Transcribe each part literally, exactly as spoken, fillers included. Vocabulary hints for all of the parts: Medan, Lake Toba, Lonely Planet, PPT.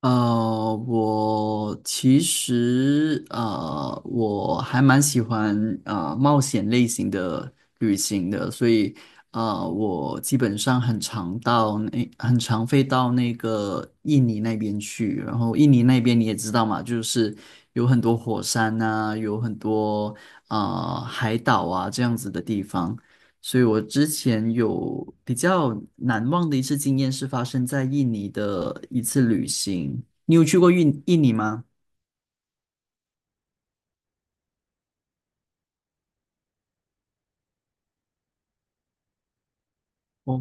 呃，我其实呃，我还蛮喜欢呃冒险类型的旅行的，所以呃，我基本上很常到那，很常飞到那个印尼那边去。然后印尼那边你也知道嘛，就是有很多火山啊，有很多呃海岛啊这样子的地方。所以我之前有比较难忘的一次经验是发生在印尼的一次旅行。你有去过印印尼吗？哦，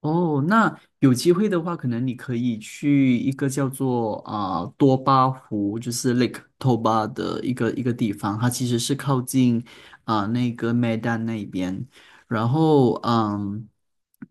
哦，那有机会的话，可能你可以去一个叫做啊、多巴湖，就是 Lake Toba 的一个一个地方，它其实是靠近啊、那个 Medan 那边。然后嗯，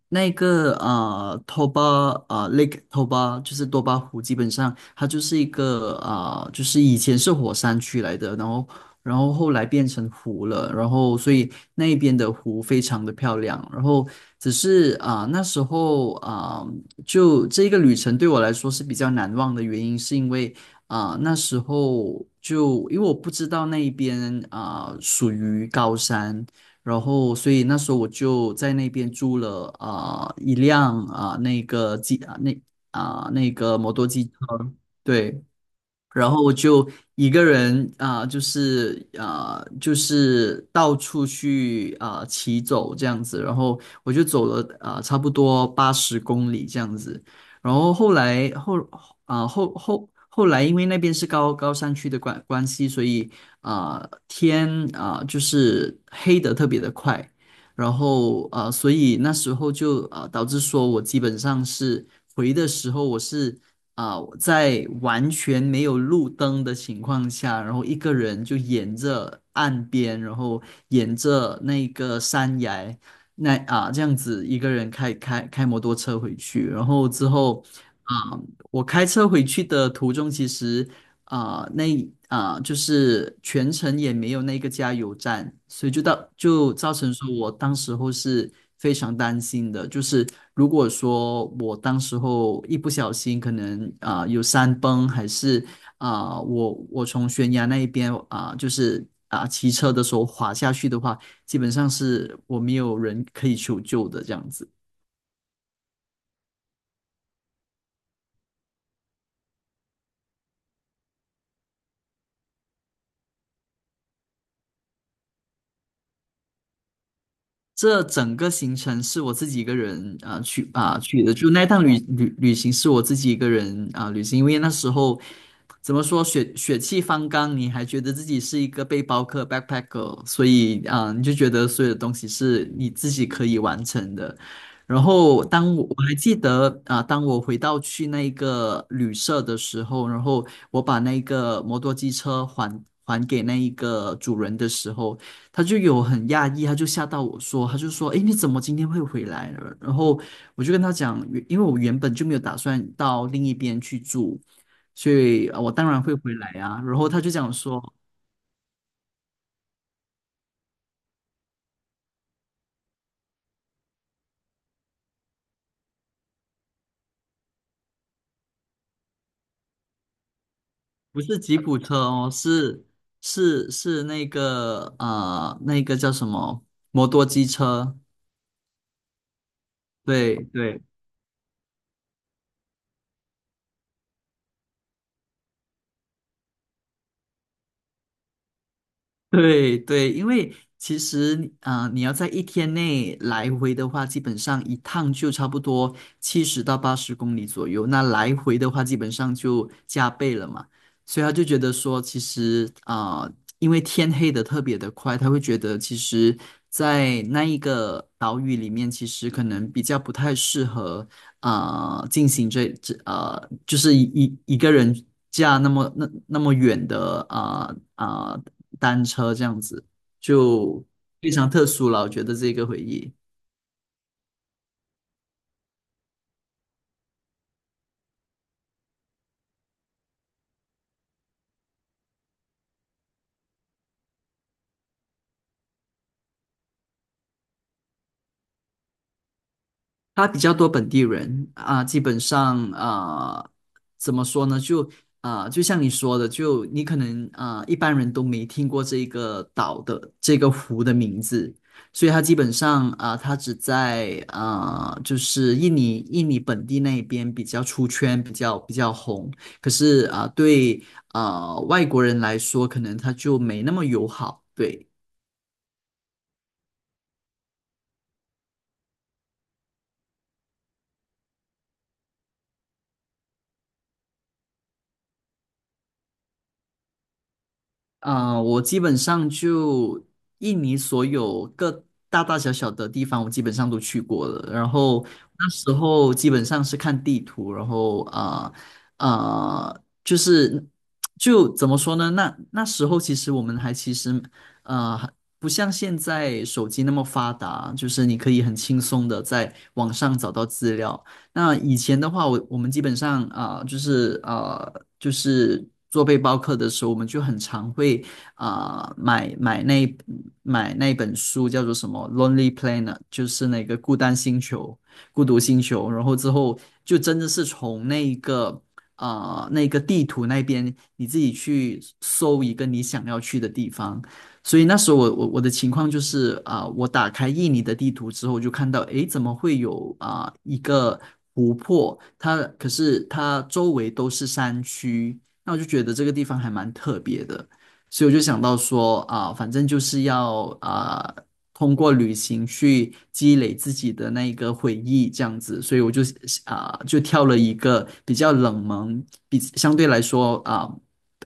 那个啊、Toba, 啊、Lake Toba 就是多巴湖，基本上它就是一个啊、就是以前是火山区来的，然后然后后来变成湖了，然后所以那一边的湖非常的漂亮。然后只是啊、那时候啊、就这个旅程对我来说是比较难忘的原因，是因为啊、那时候就因为我不知道那一边啊、属于高山。然后，所以那时候我就在那边租了啊、一辆啊、那个机啊那啊、那个摩托机车。对，然后我就一个人啊、就是啊、就是到处去啊、骑走这样子，然后我就走了啊、差不多八十公里这样子。然后后来后啊、后后后来因为那边是高高山区的关关系，所以啊、天啊、就是黑的特别的快。然后啊、所以那时候就啊、导致说我基本上是回的时候我是。啊，在完全没有路灯的情况下，然后一个人就沿着岸边，然后沿着那个山崖，那啊这样子一个人开开开摩托车回去。然后之后啊，我开车回去的途中，其实啊、呃那啊、呃就是全程也没有那个加油站，所以就到就造成说我当时候是非常担心的，就是如果说我当时候一不小心可能啊、呃有山崩，还是啊、呃我我从悬崖那一边啊、就是啊、骑车的时候滑下去的话，基本上是我没有人可以求救的这样子。这整个行程是我自己一个人啊、去啊、去的，就那趟旅旅旅行是我自己一个人啊、旅行，因为那时候怎么说血血气方刚，你还觉得自己是一个背包客 backpacker,所以啊、你就觉得所有的东西是你自己可以完成的。然后当我我还记得啊、当我回到去那一个旅社的时候，然后我把那个摩托机车还还给那一个主人的时候。他就有很讶异，他就吓到我说，他就说："诶，你怎么今天会回来了？"然后我就跟他讲，原因为我原本就没有打算到另一边去住，所以呃我当然会回来啊。然后他就讲说："不是吉普车哦，是是是那个呃那个叫什么摩托机车？对对。" 对对，因为其实啊、呃你要在一天内来回的话，基本上一趟就差不多七十到八十公里左右。那来回的话，基本上就加倍了嘛。所以他就觉得说，其实啊、呃因为天黑的特别的快。他会觉得其实，在那一个岛屿里面，其实可能比较不太适合啊、呃进行这这呃，就是一一一个人驾那么那那么远的啊啊、单车这样子，就非常特殊了。我觉得这个回忆，它比较多本地人啊，基本上啊，怎么说呢？就啊，就像你说的，就你可能啊，一般人都没听过这个岛的这个湖的名字，所以它基本上啊，它只在啊，就是印尼印尼本地那边比较出圈，比较比较红。可是啊，对啊外国人来说，可能它就没那么友好，对。啊、我基本上就印尼所有各大大小小的地方，我基本上都去过了。然后那时候基本上是看地图，然后啊啊、呃呃就是就怎么说呢？那那时候其实我们还其实呃不像现在手机那么发达，就是你可以很轻松的在网上找到资料。那以前的话，我我们基本上啊、呃就是呃，就是做背包客的时候，我们就很常会啊、呃买买那买那本书，叫做什么《Lonely Planet》,就是那个孤单星球、孤独星球。然后之后就真的是从那一个啊呃那个地图那边，你自己去搜一个你想要去的地方。所以那时候我我我的情况就是啊、我打开印尼的地图之后，我就看到诶，怎么会有啊、一个湖泊？它可是它周围都是山区，那我就觉得这个地方还蛮特别的，所以我就想到说啊、反正就是要啊、通过旅行去积累自己的那一个回忆，这样子，所以我就啊、就挑了一个比较冷门，比相对来说啊。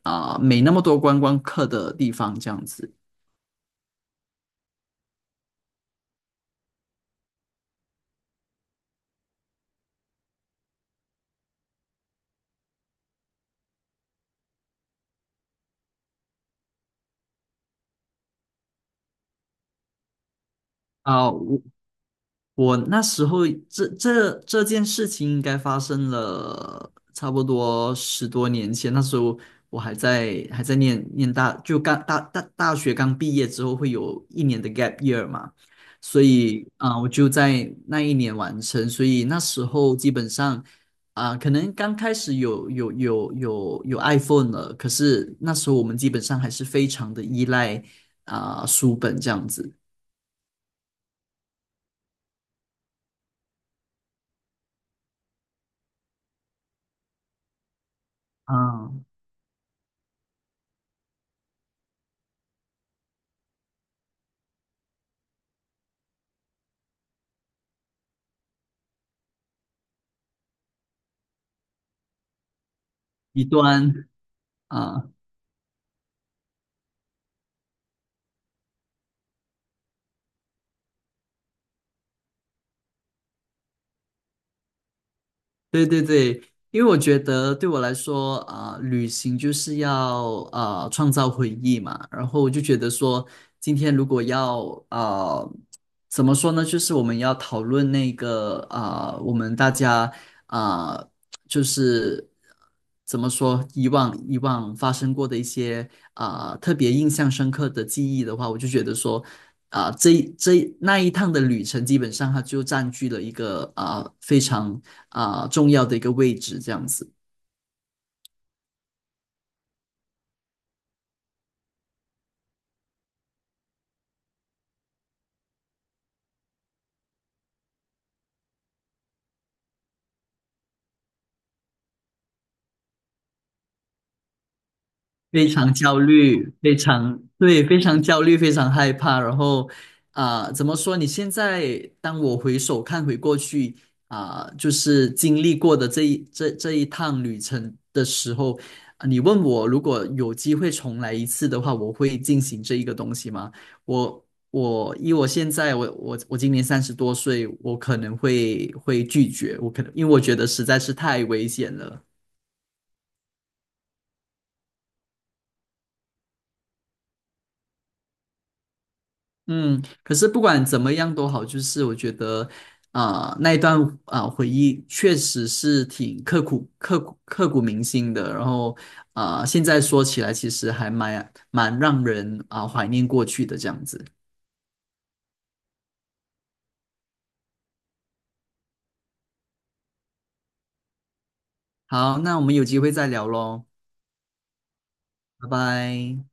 啊、没那么多观光客的地方，这样子。啊、我我那时候这这这件事情应该发生了差不多十多年前，那时候我还在还在念念大，就刚大大大学刚毕业之后会有一年的 gap year 嘛，所以啊、我就在那一年完成。所以那时候基本上啊、可能刚开始有有有有有 iPhone 了，可是那时候我们基本上还是非常的依赖啊、书本这样子啊、一段。啊，对对对，因为我觉得对我来说啊，旅行就是要啊创造回忆嘛，然后我就觉得说，今天如果要啊怎么说呢，就是我们要讨论那个啊我们大家啊就是怎么说，以往以往发生过的一些啊、特别印象深刻的记忆的话，我就觉得说啊、这这那一趟的旅程，基本上它就占据了一个啊、非常啊、重要的一个位置，这样子。非常焦虑，非常对，非常焦虑，非常害怕。然后啊、怎么说？你现在当我回首看回过去啊、就是经历过的这一这这一趟旅程的时候，啊你问我如果有机会重来一次的话，我会进行这一个东西吗？我我以我现在我我我今年三十多岁，我可能会会拒绝，我可能因为我觉得实在是太危险了。嗯，可是不管怎么样都好，就是我觉得，啊、那一段啊、呃回忆确实是挺刻骨、刻骨、刻骨铭心的。然后啊、呃现在说起来，其实还蛮蛮让人啊、怀念过去的这样子。好，那我们有机会再聊喽，拜拜。